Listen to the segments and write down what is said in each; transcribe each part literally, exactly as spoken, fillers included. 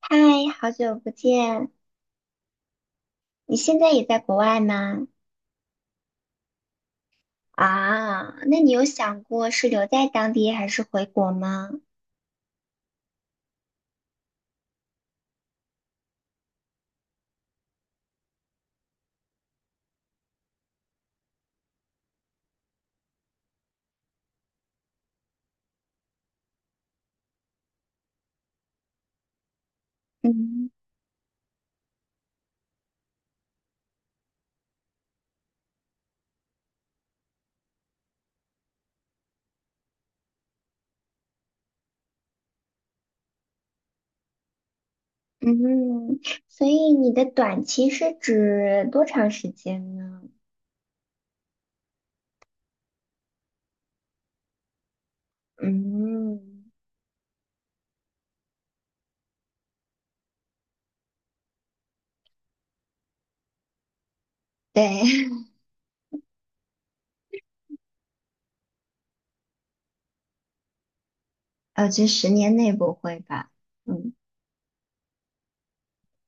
嗨，好久不见！你现在也在国外吗？啊，那你有想过是留在当地还是回国吗？嗯嗯。所以你的短期是指多长时间呢？嗯，对。呃，这十年内不会吧？嗯，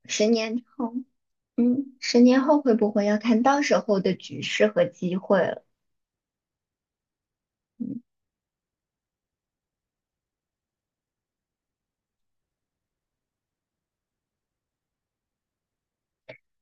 十年后。嗯，十年后会不会要看到时候的局势和机会了？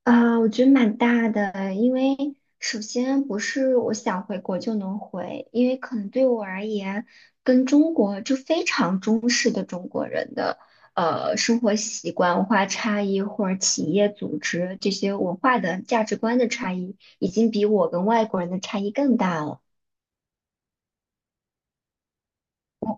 啊，我觉得蛮大的，因为首先不是我想回国就能回，因为可能对我而言，跟中国就非常中式的中国人的呃生活习惯、文化差异或者企业组织这些文化的价值观的差异，已经比我跟外国人的差异更大了。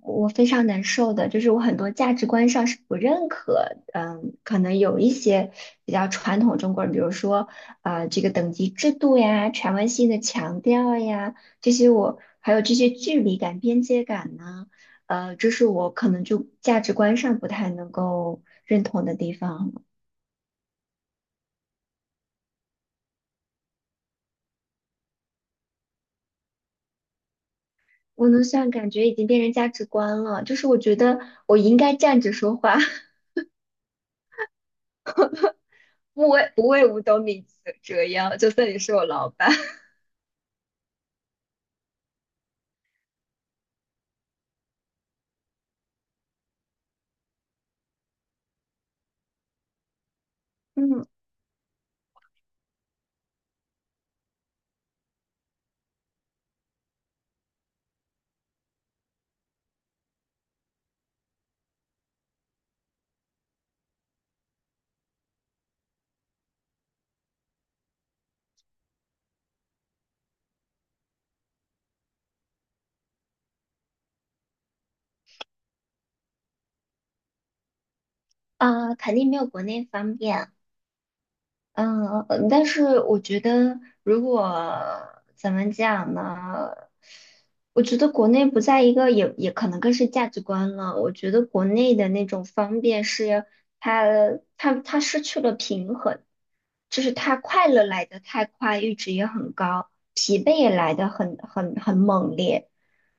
我非常难受的，就是我很多价值观上是不认可。嗯，可能有一些比较传统中国人，比如说啊、呃这个等级制度呀、权威性的强调呀，这些我还有这些距离感、边界感呢。呃，这是我可能就价值观上不太能够认同的地方了。我能算感觉已经变成价值观了，就是我觉得我应该站着说话。不为不为五斗米折折腰，就算你是我老板。嗯。啊、肯定没有国内方便。嗯、呃但是我觉得，如果怎么讲呢？我觉得国内不在一个也也可能更是价值观了。我觉得国内的那种方便是它它它失去了平衡，就是它快乐来得太快，阈值也很高，疲惫也来得很很很猛烈。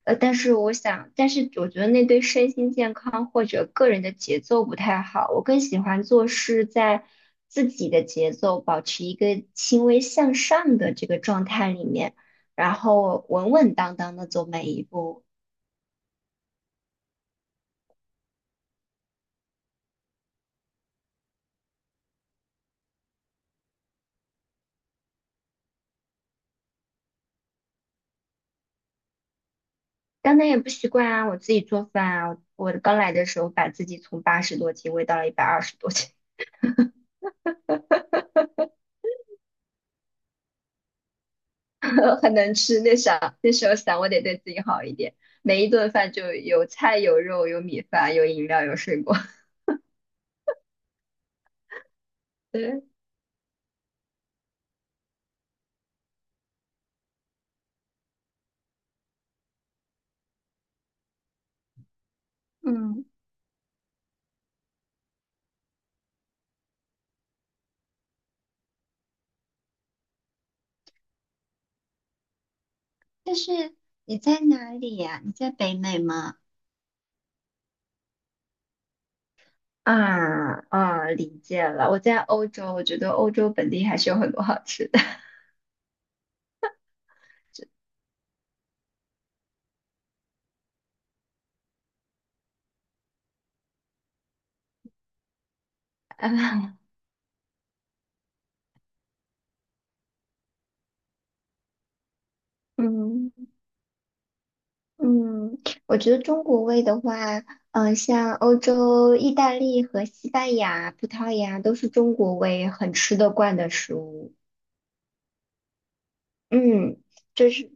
呃，但是我想，但是我觉得那对身心健康或者个人的节奏不太好。我更喜欢做事在自己的节奏，保持一个轻微向上的这个状态里面，然后稳稳当当的走每一步。当然也不习惯啊，我自己做饭啊，我刚来的时候把自己从八十多斤喂到了一百二十多斤。很能吃。那啥，那时候想我得对自己好一点，每一顿饭就有菜有肉有米饭有饮料有水果。对。嗯，但是你在哪里呀？你在北美吗？啊啊，理解了。我在欧洲，我觉得欧洲本地还是有很多好吃的。嗯嗯，我觉得中国味的话，嗯、呃像欧洲、意大利和西班牙、葡萄牙都是中国味很吃得惯的食物。嗯，就是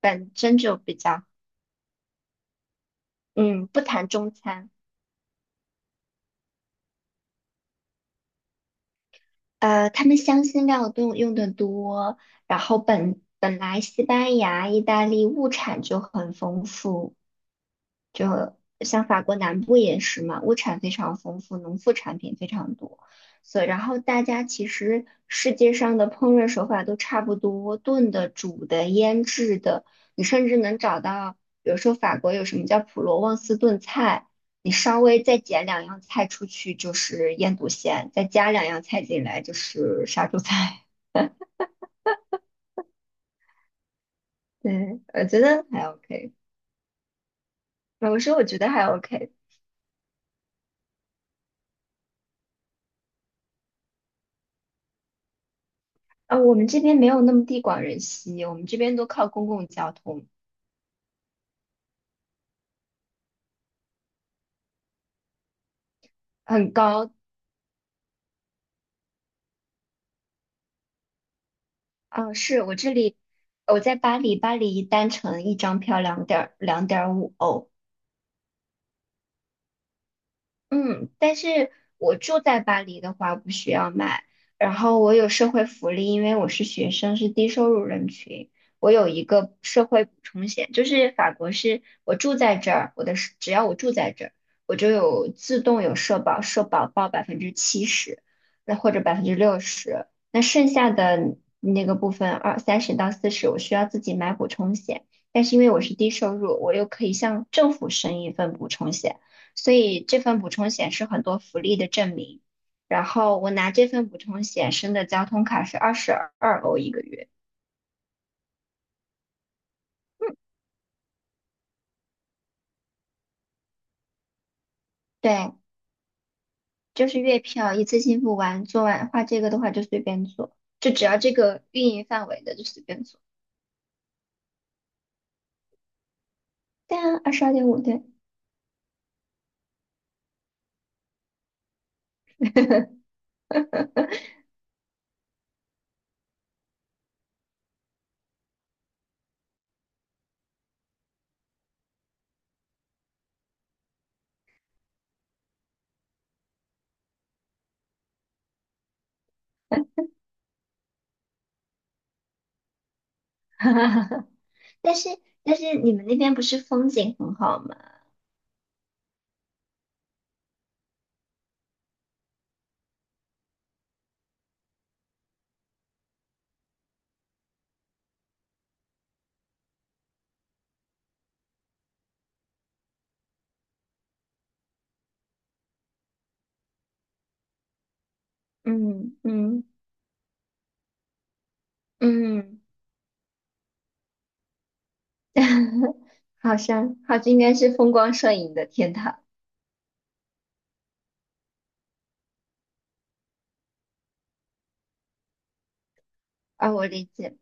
本身就比较。嗯，不谈中餐。呃，他们香辛料都用的多，然后本本来西班牙、意大利物产就很丰富，像法国南部也是嘛，物产非常丰富，农副产品非常多，所以然后大家其实世界上的烹饪手法都差不多，炖的、煮的、腌制的，你甚至能找到，比如说法国有什么叫普罗旺斯炖菜。你稍微再减两样菜出去就是腌笃鲜，再加两样菜进来就是杀猪菜。对，我觉得还 OK。呃我说我觉得还 OK。啊，我们这边没有那么地广人稀，我们这边都靠公共交通，很高。啊，是我这里，我在巴黎，巴黎单程一张票两点两点五欧。嗯，但是我住在巴黎的话不需要买，然后我有社会福利，因为我是学生，是低收入人群，我有一个社会补充险，就是法国是我住在这儿，我的是只要我住在这儿，我就有自动有社保，社保报百分之七十，那或者百分之六十，那剩下的那个部分二三十到四十，我需要自己买补充险，但是因为我是低收入，我又可以向政府申一份补充险。所以这份补充险是很多福利的证明。然后我拿这份补充险申的交通卡是二十二欧一个月。对，就是月票，一次性付完，做完画这个的话就随便做，就只要这个运营范围的就随便做。对啊，二十二点五对。但是但是你们那边不是风景很好吗？嗯嗯嗯。好像好像应该是风光摄影的天堂。啊，我理解。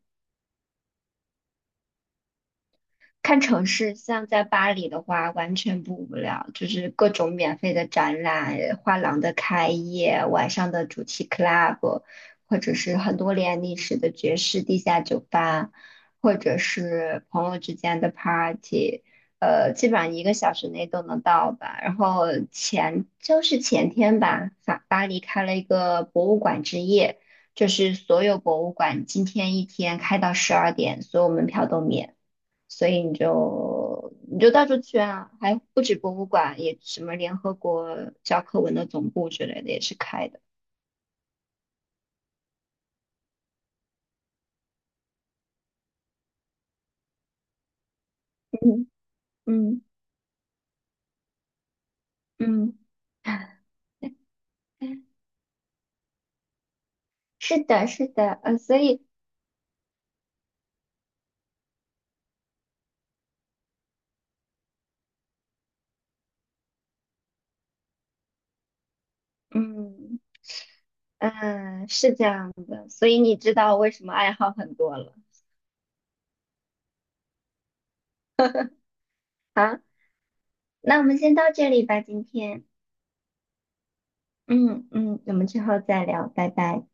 看城市，像在巴黎的话，完全不无聊，就是各种免费的展览、画廊的开业、晚上的主题 club，或者是很多年历史的爵士地下酒吧，或者是朋友之间的 party。呃，基本上一个小时内都能到吧。然后前就是前天吧，法巴黎开了一个博物馆之夜，就是所有博物馆今天一天开到十二点，所有门票都免。所以你就你就到处去啊，还不止博物馆，也什么联合国教科文的总部之类的也是开的。嗯嗯嗯，是的，是的。呃，所以嗯嗯是这样的，所以你知道为什么爱好很多了。好，那我们先到这里吧，今天。嗯嗯，我们之后再聊，拜拜。